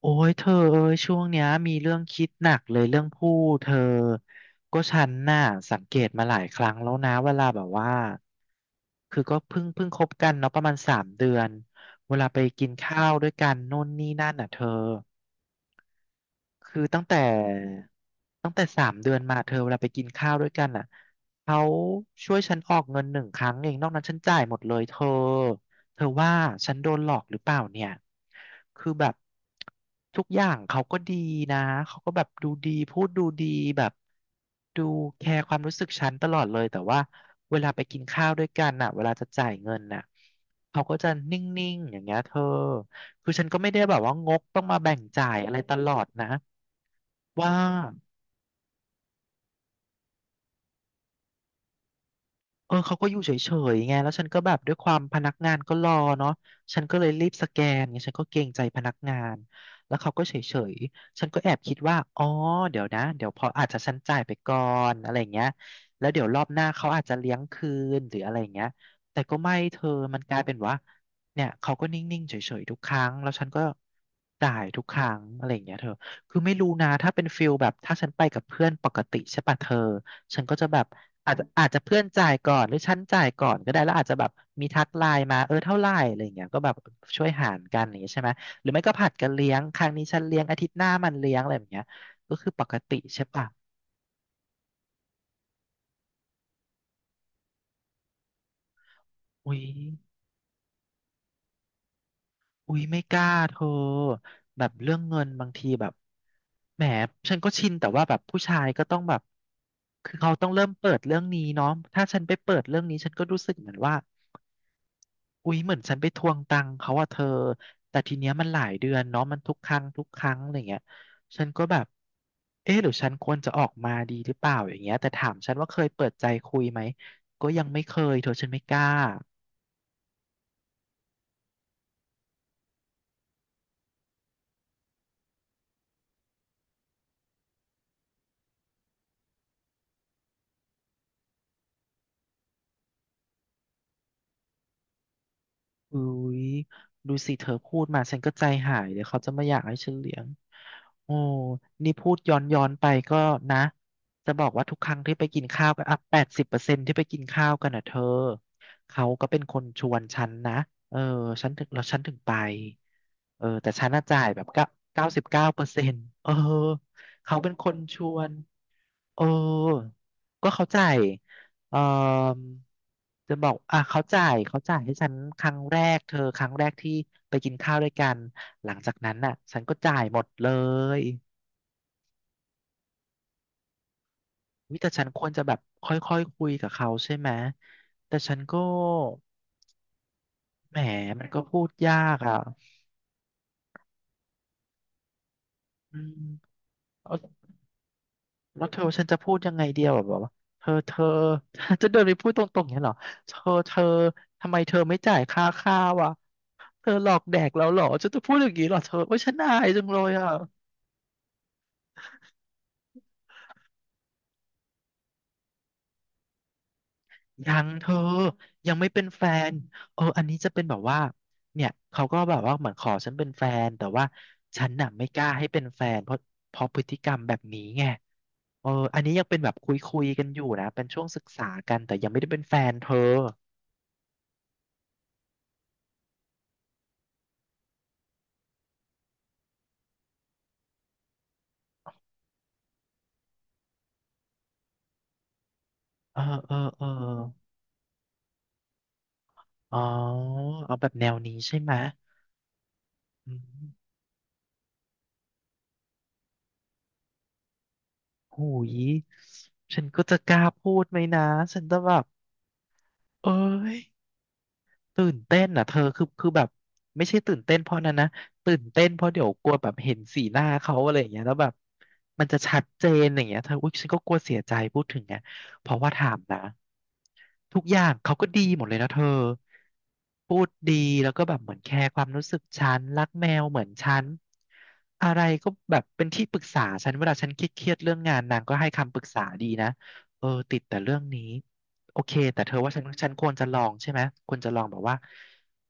โอ้ยเธอเอ้ยช่วงเนี้ยมีเรื่องคิดหนักเลยเรื่องผู้เธอก็ฉันน่ะสังเกตมาหลายครั้งแล้วนะเวลาแบบว่าคือก็เพิ่งคบกันเนาะประมาณสามเดือนเวลาไปกินข้าวด้วยกันนู่นนี่นั่นอ่ะเธอ คือตั้งแต่สามเดือนมาเธอเวลาไปกินข้าวด้วยกันอ่ะเขาช่วยฉันออกเงินหนึ่งครั้งเองนอกนั้นฉันจ่ายหมดเลยเธอเธอว่าฉันโดนหลอกหรือเปล่าเนี่ยคือแบบทุกอย่างเขาก็ดีนะเขาก็แบบดูดีพูดดูดีแบบดูแคร์ความรู้สึกฉันตลอดเลยแต่ว่าเวลาไปกินข้าวด้วยกันน่ะเวลาจะจ่ายเงินน่ะเขาก็จะนิ่งๆอย่างเงี้ยเธอคือฉันก็ไม่ได้แบบว่างกต้องมาแบ่งจ่ายอะไรตลอดนะ ว่าเออเขาก็อยู่เฉยๆไงแล้วฉันก็แบบด้วยความพนักงานก็รอเนาะฉันก็เลยรีบสแกนไงฉันก็เกรงใจพนักงานแล้วเขาก็เฉยๆฉันก็แอบคิดว่าอ๋อเดี๋ยวนะเดี๋ยวพออาจจะฉันจ่ายไปก่อนอะไรอย่างเงี้ยแล้วเดี๋ยวรอบหน้าเขาอาจจะเลี้ยงคืนหรืออะไรอย่างเงี้ยแต่ก็ไม่เธอมันกลายเป็นว่าเนี่ยเขาก็นิ่งๆเฉยๆทุกครั้งแล้วฉันก็จ่ายทุกครั้งอะไรอย่างเงี้ยเธอคือไม่รู้นะถ้าเป็นฟิลแบบถ้าฉันไปกับเพื่อนปกติใช่ป่ะเธอฉันก็จะแบบ อาจจะเพื่อนจ่ายก่อนหรือฉันจ่ายก่อนก็ได้แล้วอาจจะแบบมีทักไลน์มาเออเท่าไหร่อะไรอย่างเงี้ยก็แบบช่วยหารกันอย่างเงี้ยใช่ไหมหรือไม่ก็ผัดกันเลี้ยงครั้งนี้ฉันเลี้ยงอาทิตย์หน้ามันเลี้ยงอะไรแบบเนี้ยก็คือปกติใช่ปะอุ๊ยอุ๊ยไม่กล้าเธอแบบเรื่องเงินบางทีแบบแหมฉันก็ชินแต่ว่าแบบผู้ชายก็ต้องแบบคือเขาต้องเริ่มเปิดเรื่องนี้เนาะถ้าฉันไปเปิดเรื่องนี้ฉันก็รู้สึกเหมือนว่า อุ๊ยเหมือนฉันไปทวงตังค์เขาอะเธอแต่ทีเนี้ยมันหลายเดือนเนาะมันทุกครั้งทุกครั้งอะไรเงี้ยฉันก็แบบเอ๊ะหรือฉันควรจะออกมาดีหรือเปล่าอย่างเงี้ยแต่ถามฉันว่าเคยเปิดใจคุยไหมก็ยังไม่เคยเธอฉันไม่กล้า อุ้ยดูสิเธอพูดมาฉันก็ใจหายเดี๋ยวเขาจะไม่อยากให้ฉันเลี้ยงโอ้นี่พูดย้อนไปก็นะจะบอกว่าทุกครั้งที่ไปกินข้าวกันอ่ะ80%ที่ไปกินข้าวกันอ่ะเธอเขาก็เป็นคนชวนฉันนะเออฉันถึงแล้วฉันถึงไปเออแต่ฉันน่ะจ่ายแบบเก้าสิบเก้าเปอร์เซ็นต์เออเขาเป็นคนชวนเออก็เขาจ่าย เออจะบอกอ่ะเขาจ่ายให้ฉันครั้งแรกเธอครั้งแรกที่ไปกินข้าวด้วยกันหลังจากนั้นน่ะฉันก็จ่ายหมดเลยวิแต่ฉันควรจะแบบค่อยๆคคุยกับเขาใช่ไหมแต่ฉันก็แหมมันก็พูดยากอ่ะอืมเอาแล้วเธอฉันจะพูดยังไงเดียวแบบว่าเธอเธอ จะเดินไปพูดตรงๆอย่างนี้ยเหรอเธอเธอทำไมเธอไม่จ่ายค่าข้าวอ่ะเธอหลอกแดกเราเหรอฉันจะพูดอย่างนี้เหรอเธอโอ้ยฉันอายจังเลยอ่ะ ยังเธอยังไม่เป็นแฟนเอออันนี้จะเป็นแบบว่าเนี่ยเขาก็แบบว่าเหมือนขอฉันเป็นแฟนแต่ว่าฉันน่ะไม่กล้าให้เป็นแฟนเพราะเพราะพฤติกรรมแบบนี้ไงเอออันนี้ยังเป็นแบบคุยคุยกันอยู่นะเป็นช่วงศึกษากันแต่ยังไม่ได้เป็นแฟนเธอเออเออเอออ๋อเอาแบบแนวนี้ใช่ไหมอืมโหยฉันก็จะกล้าพูดไหมนะฉันจะแบบเอ้ย ตื่นเต้นอ่ะเธอคือแบบไม่ใช่ตื่นเต้นเพราะนั้นนะตื่นเต้นเพราะเดี๋ยวกลัวแบบเห็นสีหน้าเขาอะไรอย่างเงี้ยแล้วแบบมันจะชัดเจนอย่างเงี้ยเธออุ๊ยฉันก็กลัวเสียใจพูดถึงไงเพราะว่าถามนะทุกอย่างเขาก็ดีหมดเลยนะเธอพูดดีแล้วก็แบบเหมือนแคร์ความรู้สึกฉันรักแมวเหมือนฉันอะไรก็แบบเป็นที่ปรึกษาฉันเวลาฉันเครียดๆเรื่องงานนางก็ให้คำปรึกษาดีนะ เออติดแต่เรื่องนี้โอเคแต่เธอว่าฉันควรจะลองใช่ไหมควรจะลองแบบว่า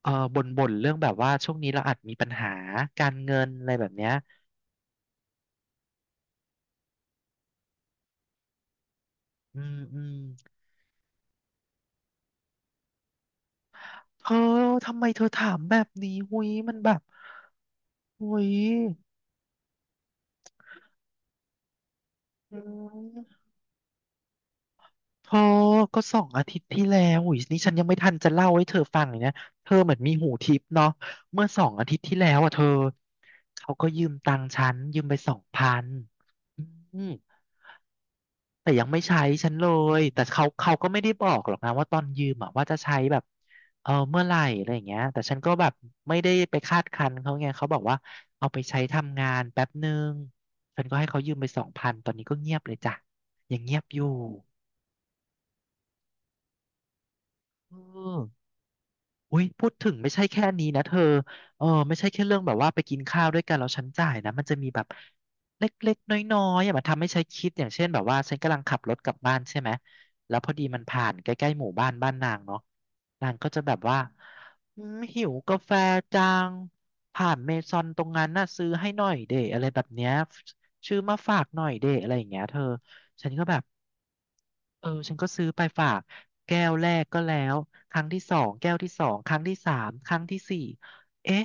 เออบ่นเรื่องแบบว่าช่วงนี้เราอาจมีปัญหาการเงินอะไรแบบเนี้ยอืมอืมเธอทำไมเธอถามแบบนี้หุยมันแบบหุยอืมเธอก็สองอาทิตย์ที่แล้วหุยนี่ฉันยังไม่ทันจะเล่าให้เธอฟังเลยนะเธอเหมือนมีหูทิพย์เนาะเมื่อสองอาทิตย์ที่แล้วอ่ะเธอเขาก็ยืมตังค์ฉันยืมไปสองพันอืม แต่ยังไม่ใช้ฉันเลย แต่เขาก็ไม่ได้บอกหรอกนะว่าตอนยืมอะว่าจะใช้แบบเออเมื่อไหร่อะไรอย่างเงี้ยแต่ฉันก็แบบไม่ได้ไปคาดคั้นเขาไง เขาบอกว่าเอาไปใช้ทำงานแป๊บหนึ่งฉันก็ให้เขายืมไปสองพันตอนนี้ก็เงียบเลยจ้ะยังเงียบอยู่เออ อุ้ยพูดถึงไม่ใช่แค่นี้นะเธอเออไม่ใช่แค่เรื่องแบบว่าไปกินข้าวด้วยกันแล้วฉันจ่ายนะมันจะมีแบบเล็กๆน้อยๆอย่ามาทำให้ฉันคิดอย่างเช่นแบบว่าฉันกำลังขับรถกลับบ้านใช่ไหมแล้วพอดีมันผ่านใกล้ๆหมู่บ้านบ้านนางเนาะนางก็จะแบบว่าอืมหิวกาแฟจังผ่านเมซอนตรงนั้นน่ะซื้อให้หน่อยเดอะไรแบบเนี้ยชื่อมาฝากหน่อยเดอะไรอย่างเงี้ยเธอฉันก็แบบ เออฉันก็ซื้อไปฝากแก้วแรกก็แล้วครั้งที่สองแก้วที่สองครั้งที่สามครั้งที่สี่เอ๊ะ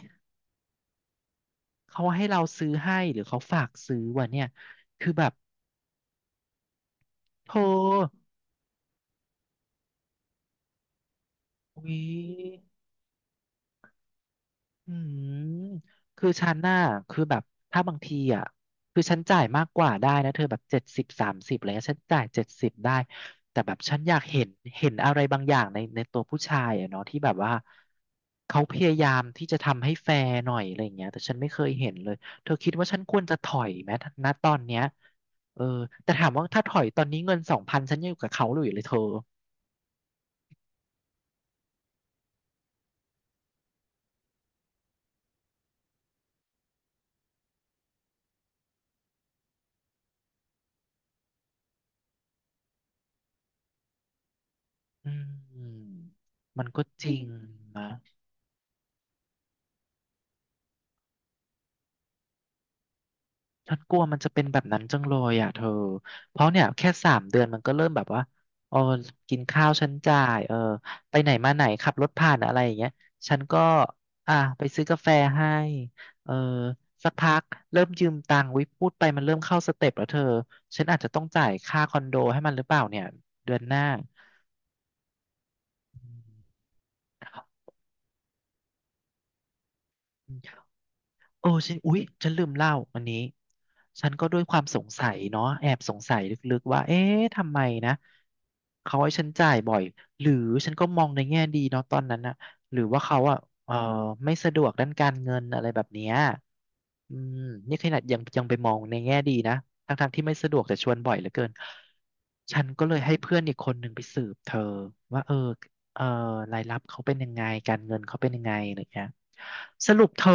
เขาให้เราซื้อให้หรือเขาฝากซื้อวะเนี่ยคือแบบโธ่อุ๊ย อืมคือฉันน่ะคือแบบถ้าบางทีอ่ะคือฉันจ่ายมากกว่าได้นะเธอแบบเจ็ดสิบ30อะไรเงี้ยฉันจ่ายเจ็ดสิบได้ แต่แบบฉันอยากเห็นเห็นอะไรบางอย่างในตัวผู้ชายอ่ะเนาะที่แบบว่าเขาพยายามที่จะทำให้แฟร์หน่อยอะไรเงี้ยแต่ฉันไม่เคยเห็นเลยเธอคิดว่าฉันควรจะถอยไหมณตอนเนี้ยเออแต่ถามว่าถ้าถอยตอนนี้เงินสองพันฉันยังอยู่กับเขาอยู่เลยเธออืมมันก็จริงนะ ฉันกลัวมันจะเป็นแบบนั้นจังเลยอ่ะเธอเพราะเนี่ยแค่3 เดือนมันก็เริ่มแบบว่าเออกินข้าวฉันจ่ายเออไปไหนมาไหนขับรถผ่านอะไรอย่างเงี้ยฉันก็อ่ะไปซื้อกาแฟให้เออสักพักเริ่มยืมตังค์วิพูดไปมันเริ่มเข้าสเต็ปแล้วเธอฉันอาจจะต้องจ่ายค่าคอนโดให้มันหรือเปล่าเนี่ยเดือนหน้าอืม โอ้ฉันอุ๊ยฉันลืมเล่าอันนี้ฉันก็ด้วยความสงสัยเนาะแอบสงสัยลึกๆว่าเอ๊ะทำไมนะเขาให้ฉันจ่ายบ่อยหรือฉันก็มองในแง่ดีเนาะตอนนั้นนะหรือว่าเขาอ่ะเออไม่สะดวกด้านการเงินอะไรแบบเนี้ยอืมนี่ขนาดยังไปมองในแง่ดีนะทั้งๆที่ไม่สะดวกแต่ชวนบ่อยเหลือเกินฉันก็เลยให้เพื่อนอีกคนหนึ่งไปสืบเธอว่าเออเออรายรับเขาเป็นยังไงการเงินเขาเป็นยังไงอะไรเงี้ยสรุปเธอ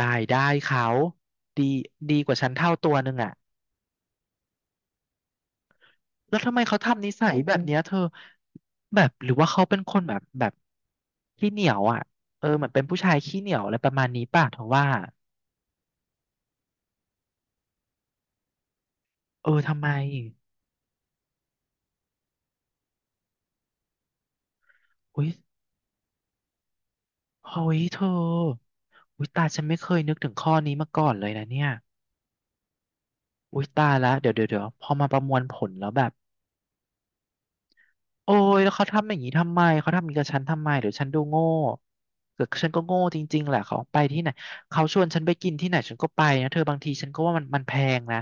รายได้เขาดีดีกว่าฉันเท่าตัวหนึงอ่ะแล้วทำไมเขาทำนิสัยแบบเนี้ยเธอแบบหรือว่าเขาเป็นคนแบบขี้เหนียวอ่ะเออเหมือนเป็นผู้ชายขี้เหนียวอะไรประมาณนี้ป่ะเธอว่าเออทำไมอุ้ยเฮ้ยเธออุ้ยตายฉันไม่เคยนึกถึงข้อนี้มาก่อนเลยนะเนี่ยอุ้ยตายแล้วเดี๋ยวเดี๋ยวเดี๋ยวพอมาประมวลผลแล้วแบบ โอ้ยแล้วเขาทำอย่างนี้ทำไมเขาทำอย่างนี้กับฉันทำไมเดี๋ยวฉันดูโง่เกิดฉันก็โง่จริงๆแหละเขาไปที่ไหนเขาชวนฉันไปกินที่ไหนฉันก็ไปนะเธอบางทีฉันก็ว่ามันแพงนะ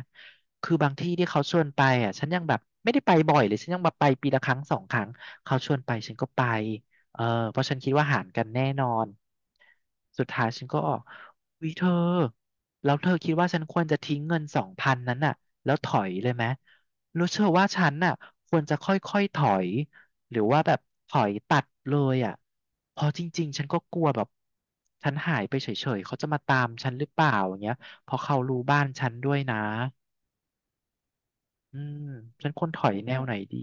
คือบางที่ที่เขาชวนไปอ่ะฉันยังแบบไม่ได้ไปบ่อยเลยฉันยังแบบไปปีละครั้งสองครั้งเขาชวนไปฉันก็ไปเออเพราะฉันคิดว่าหารกันแน่นอนสุดท้ายฉันก็ออกวิเธอแล้วเธอคิดว่าฉันควรจะทิ้งเงินสองพันนั้นน่ะแล้วถอยเลยไหมรู้เธอว่าฉันน่ะควรจะค่อยๆถอย หรือว่าแบบถอยตัดเลยอ่ะเพอจริงๆฉันก็กลัวแบบฉันหายไปเฉยๆเขาจะมาตามฉันหรือเปล่าอย่างเงี้ยเพอเขารู้บ้านฉันด้วยนะอืมฉันควรถอยแนวไหนดี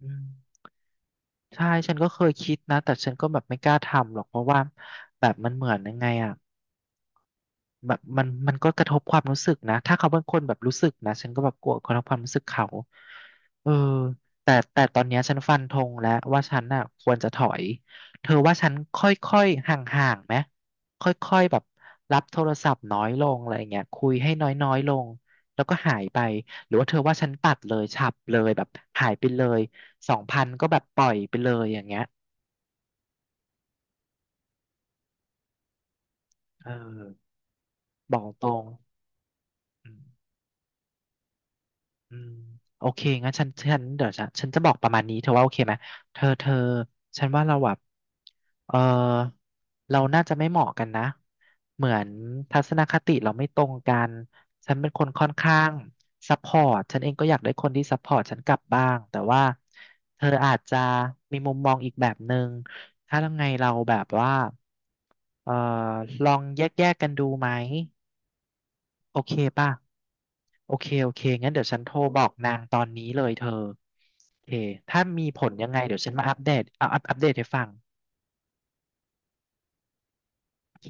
อืมใช่ฉันก็เคยคิดนะแต่ฉันก็แบบไม่กล้าทำหรอกเพราะว่าแบบมันเหมือนยังไงอ่ะ แบบมันก็กระทบความรู้สึกนะถ้าเขาเป็นคนแบบรู้สึกนะฉันก็แบบกลัวกระทบความรู้สึกเขาเออแต่ตอนเนี้ยฉันฟันธงแล้วว่าฉันน่ะควรจะถอยเธอว่าฉันค่อยๆห่างๆไหมค่อยๆแบบรับโทรศัพท์น้อยลงอะไรเงี้ยคุยให้น้อยๆลงแล้วก็หายไปหรือว่าเธอว่าฉันตัดเลยฉับเลยแบบหายไปเลยสองพันก็แบบปล่อยไปเลยอย่างเงี้ยเออบอกตรง อืมโอเคงั้นฉันเดี๋ยวฉันจะบอกประมาณนี้เธอว่าโอเคไหมเธอฉันว่าเราแบบเออเราน่าจะไม่เหมาะกันนะเหมือนทัศนคติเราไม่ตรงกันฉันเป็นคนค่อนข้างซัพพอร์ตฉันเองก็อยากได้คนที่ซัพพอร์ตฉันกลับบ้างแต่ว่าเธออาจจะมีมุมมองอีกแบบหนึ่งถ้ายังไงเราแบบว่าเออลองแยกๆกกันดูไหมโอเคป่ะ โอเค โอเค งั้นเดี๋ยวฉันโทรบอกนางตอนนี้เลยเธอโอเคถ้ามีผลยังไงเดี๋ยวฉันมาอัปเดตเอาอัปอัปเดตให้ฟังโอเค